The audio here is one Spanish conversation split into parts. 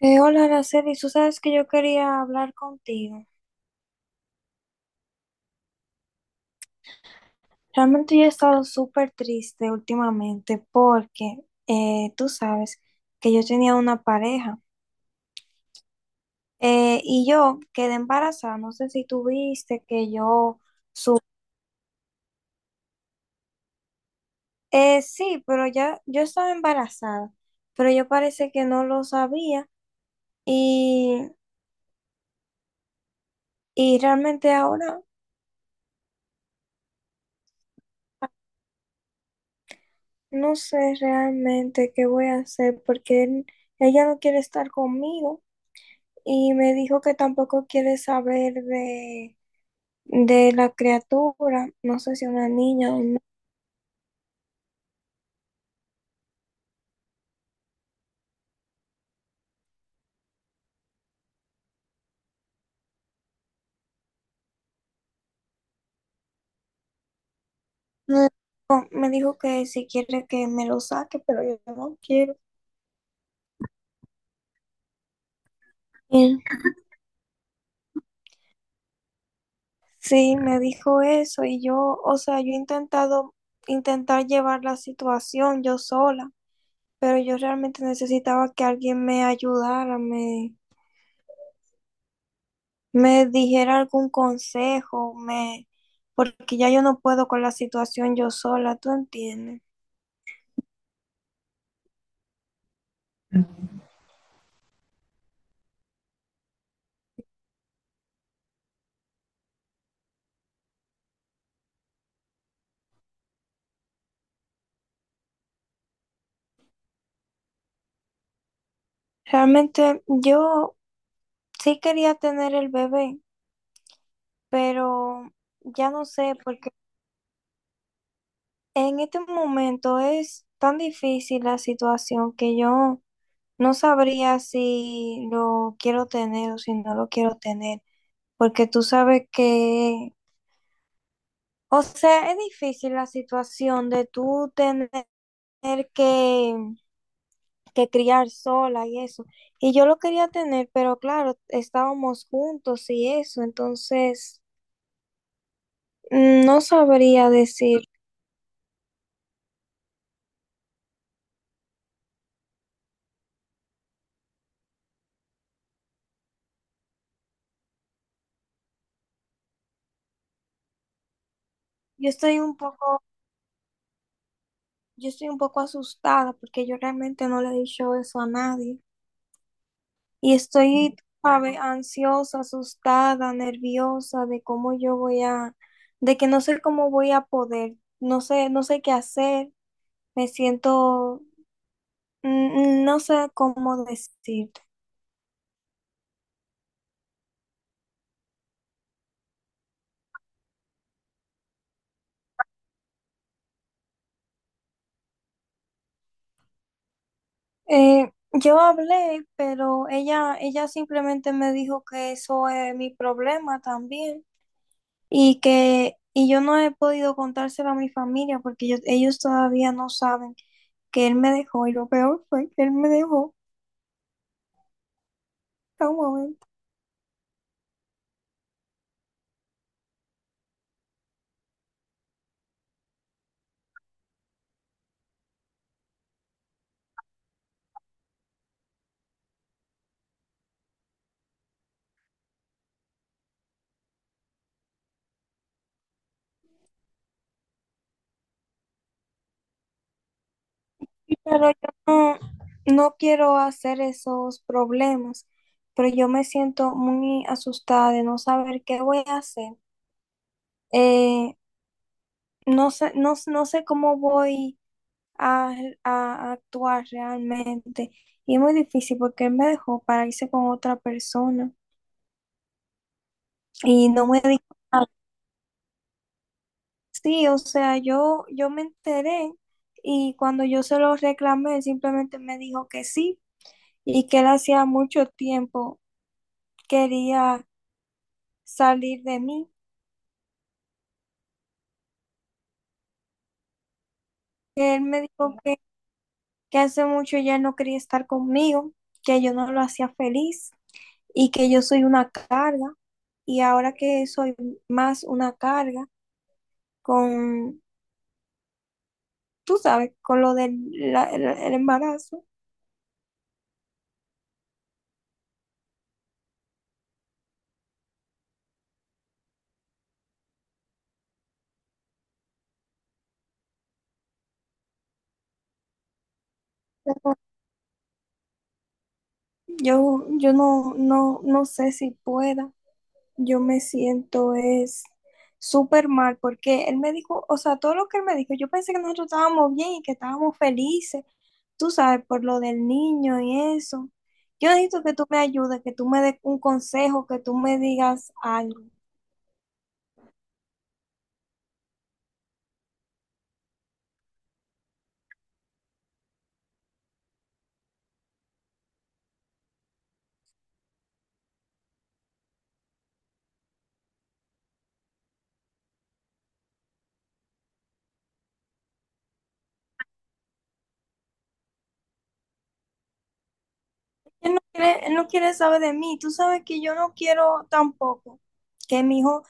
Hola, Araceli, tú sabes que yo quería hablar contigo. Realmente yo he estado súper triste últimamente porque tú sabes que yo tenía una pareja y yo quedé embarazada. No sé si tú viste que yo, sí, pero ya yo estaba embarazada, pero yo parece que no lo sabía y, y realmente ahora no sé realmente qué voy a hacer porque ella no quiere estar conmigo. Y me dijo que tampoco quiere saber de la criatura, no sé si una niña o no. No. Me dijo que si quiere que me lo saque, pero yo no quiero. Y sí, me dijo eso y yo, o sea, yo he intentado intentar llevar la situación yo sola, pero yo realmente necesitaba que alguien me ayudara, me dijera algún consejo, me, porque ya yo no puedo con la situación yo sola, ¿tú entiendes? Realmente yo sí quería tener el bebé, pero ya no sé, porque en este momento es tan difícil la situación que yo no sabría si lo quiero tener o si no lo quiero tener, porque tú sabes que, o sea, es difícil la situación de tú tener que, que criar sola y eso. Y yo lo quería tener, pero claro, estábamos juntos y eso, entonces... Mm, no sabría decir. Yo estoy un poco, yo estoy un poco asustada porque yo realmente no le he dicho eso a nadie. Y estoy, sabe, ansiosa, asustada, nerviosa de cómo yo voy a, de que no sé cómo voy a poder, no sé, no sé qué hacer. Me siento, no sé cómo decirte. Yo hablé, pero ella simplemente me dijo que eso es mi problema también. Y que, y yo no he podido contárselo a mi familia porque ellos todavía no saben que él me dejó y lo peor fue que él me dejó a un momento. Pero yo no quiero hacer esos problemas, pero yo me siento muy asustada de no saber qué voy a hacer. Eh, no sé, no sé cómo voy a, a actuar realmente. Y es muy difícil porque él me dejó para irse con otra persona y no me dijo nada. Sí, o sea, yo me enteré y cuando yo se lo reclamé, él simplemente me dijo que sí y que él hacía mucho tiempo quería salir de mí, que él me dijo que hace mucho ya no quería estar conmigo, que yo no lo hacía feliz y que yo soy una carga y ahora que soy más una carga con, tú sabes, con lo del la- el embarazo, yo no, no, no sé si pueda. Yo me siento es súper mal porque él me dijo, o sea, todo lo que él me dijo, yo pensé que nosotros estábamos bien y que estábamos felices, tú sabes, por lo del niño y eso. Yo necesito que tú me ayudes, que tú me des un consejo, que tú me digas algo. Él no quiere saber de mí, tú sabes que yo no quiero tampoco que mi hijo,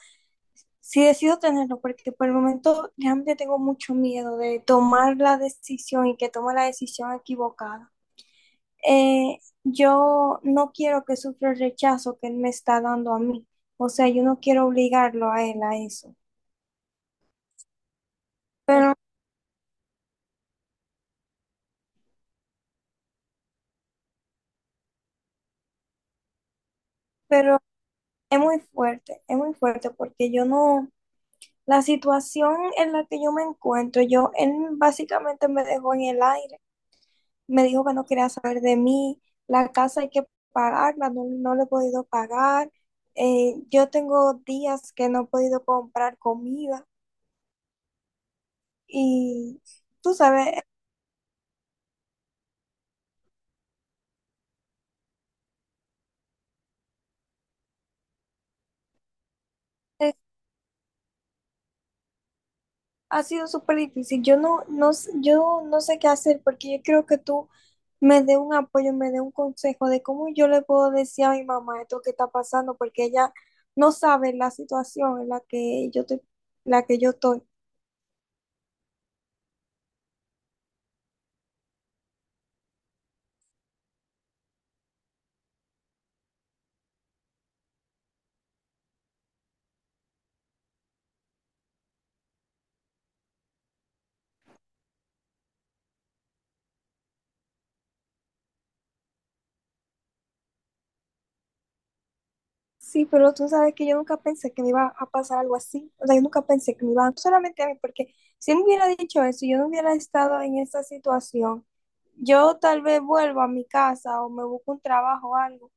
si decido tenerlo, porque por el momento realmente tengo mucho miedo de tomar la decisión y que tome la decisión equivocada. Yo no quiero que sufra el rechazo que él me está dando a mí. O sea, yo no quiero obligarlo a él a eso. Pero, pero es muy fuerte porque yo no, la situación en la que yo me encuentro, yo, él básicamente me dejó en el aire, me dijo que no quería saber de mí, la casa hay que pagarla, no la he podido pagar, yo tengo días que no he podido comprar comida y tú sabes. Ha sido súper difícil. Yo no sé qué hacer porque yo creo que tú me dé un apoyo, me dé un consejo de cómo yo le puedo decir a mi mamá esto que está pasando porque ella no sabe la situación en la que yo estoy, la que yo estoy. Sí, pero tú sabes que yo nunca pensé que me iba a pasar algo así. O sea, yo nunca pensé que me iba, a, no solamente a mí, porque si él me hubiera dicho eso, y yo no hubiera estado en esa situación. Yo tal vez vuelvo a mi casa o me busco un trabajo o algo.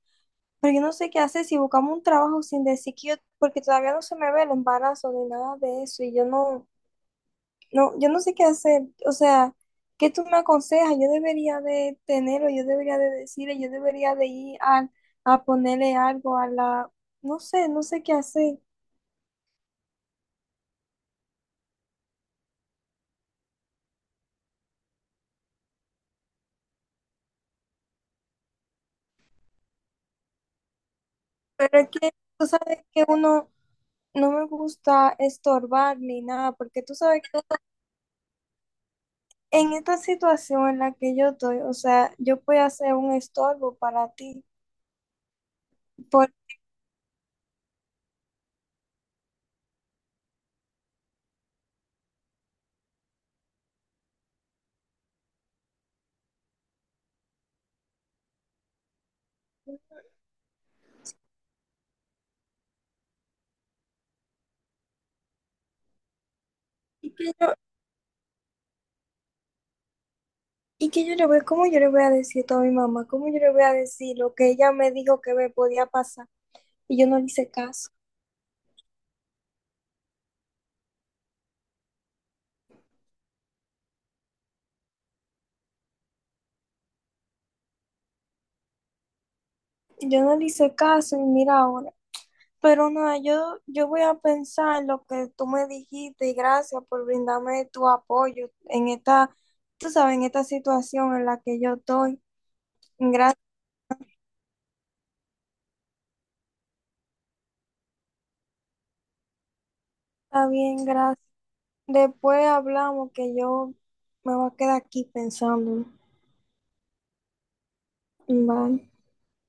Pero yo no sé qué hacer si buscamos un trabajo sin decir que yo, porque todavía no se me ve el embarazo ni nada de eso, yo no sé qué hacer. O sea, ¿qué tú me aconsejas? Yo debería de tenerlo, yo debería de decirle, yo debería de ir a ponerle algo a la, no sé, no sé qué hacer. Pero es que tú sabes que uno no me gusta estorbar ni nada, porque tú sabes que en esta situación en la que yo estoy, o sea, yo puedo hacer un estorbo para ti. Por, ¿y que yo le voy, cómo yo le voy a decir esto a mi mamá? ¿Cómo yo le voy a decir lo que ella me dijo que me podía pasar? Y yo no le hice caso. Yo no le hice caso y mira ahora. Pero nada, yo voy a pensar en lo que tú me dijiste y gracias por brindarme tu apoyo en esta, tú sabes, en esta situación en la que yo estoy. Gracias, está bien, gracias. Después hablamos que yo me voy a quedar aquí pensando. Vale.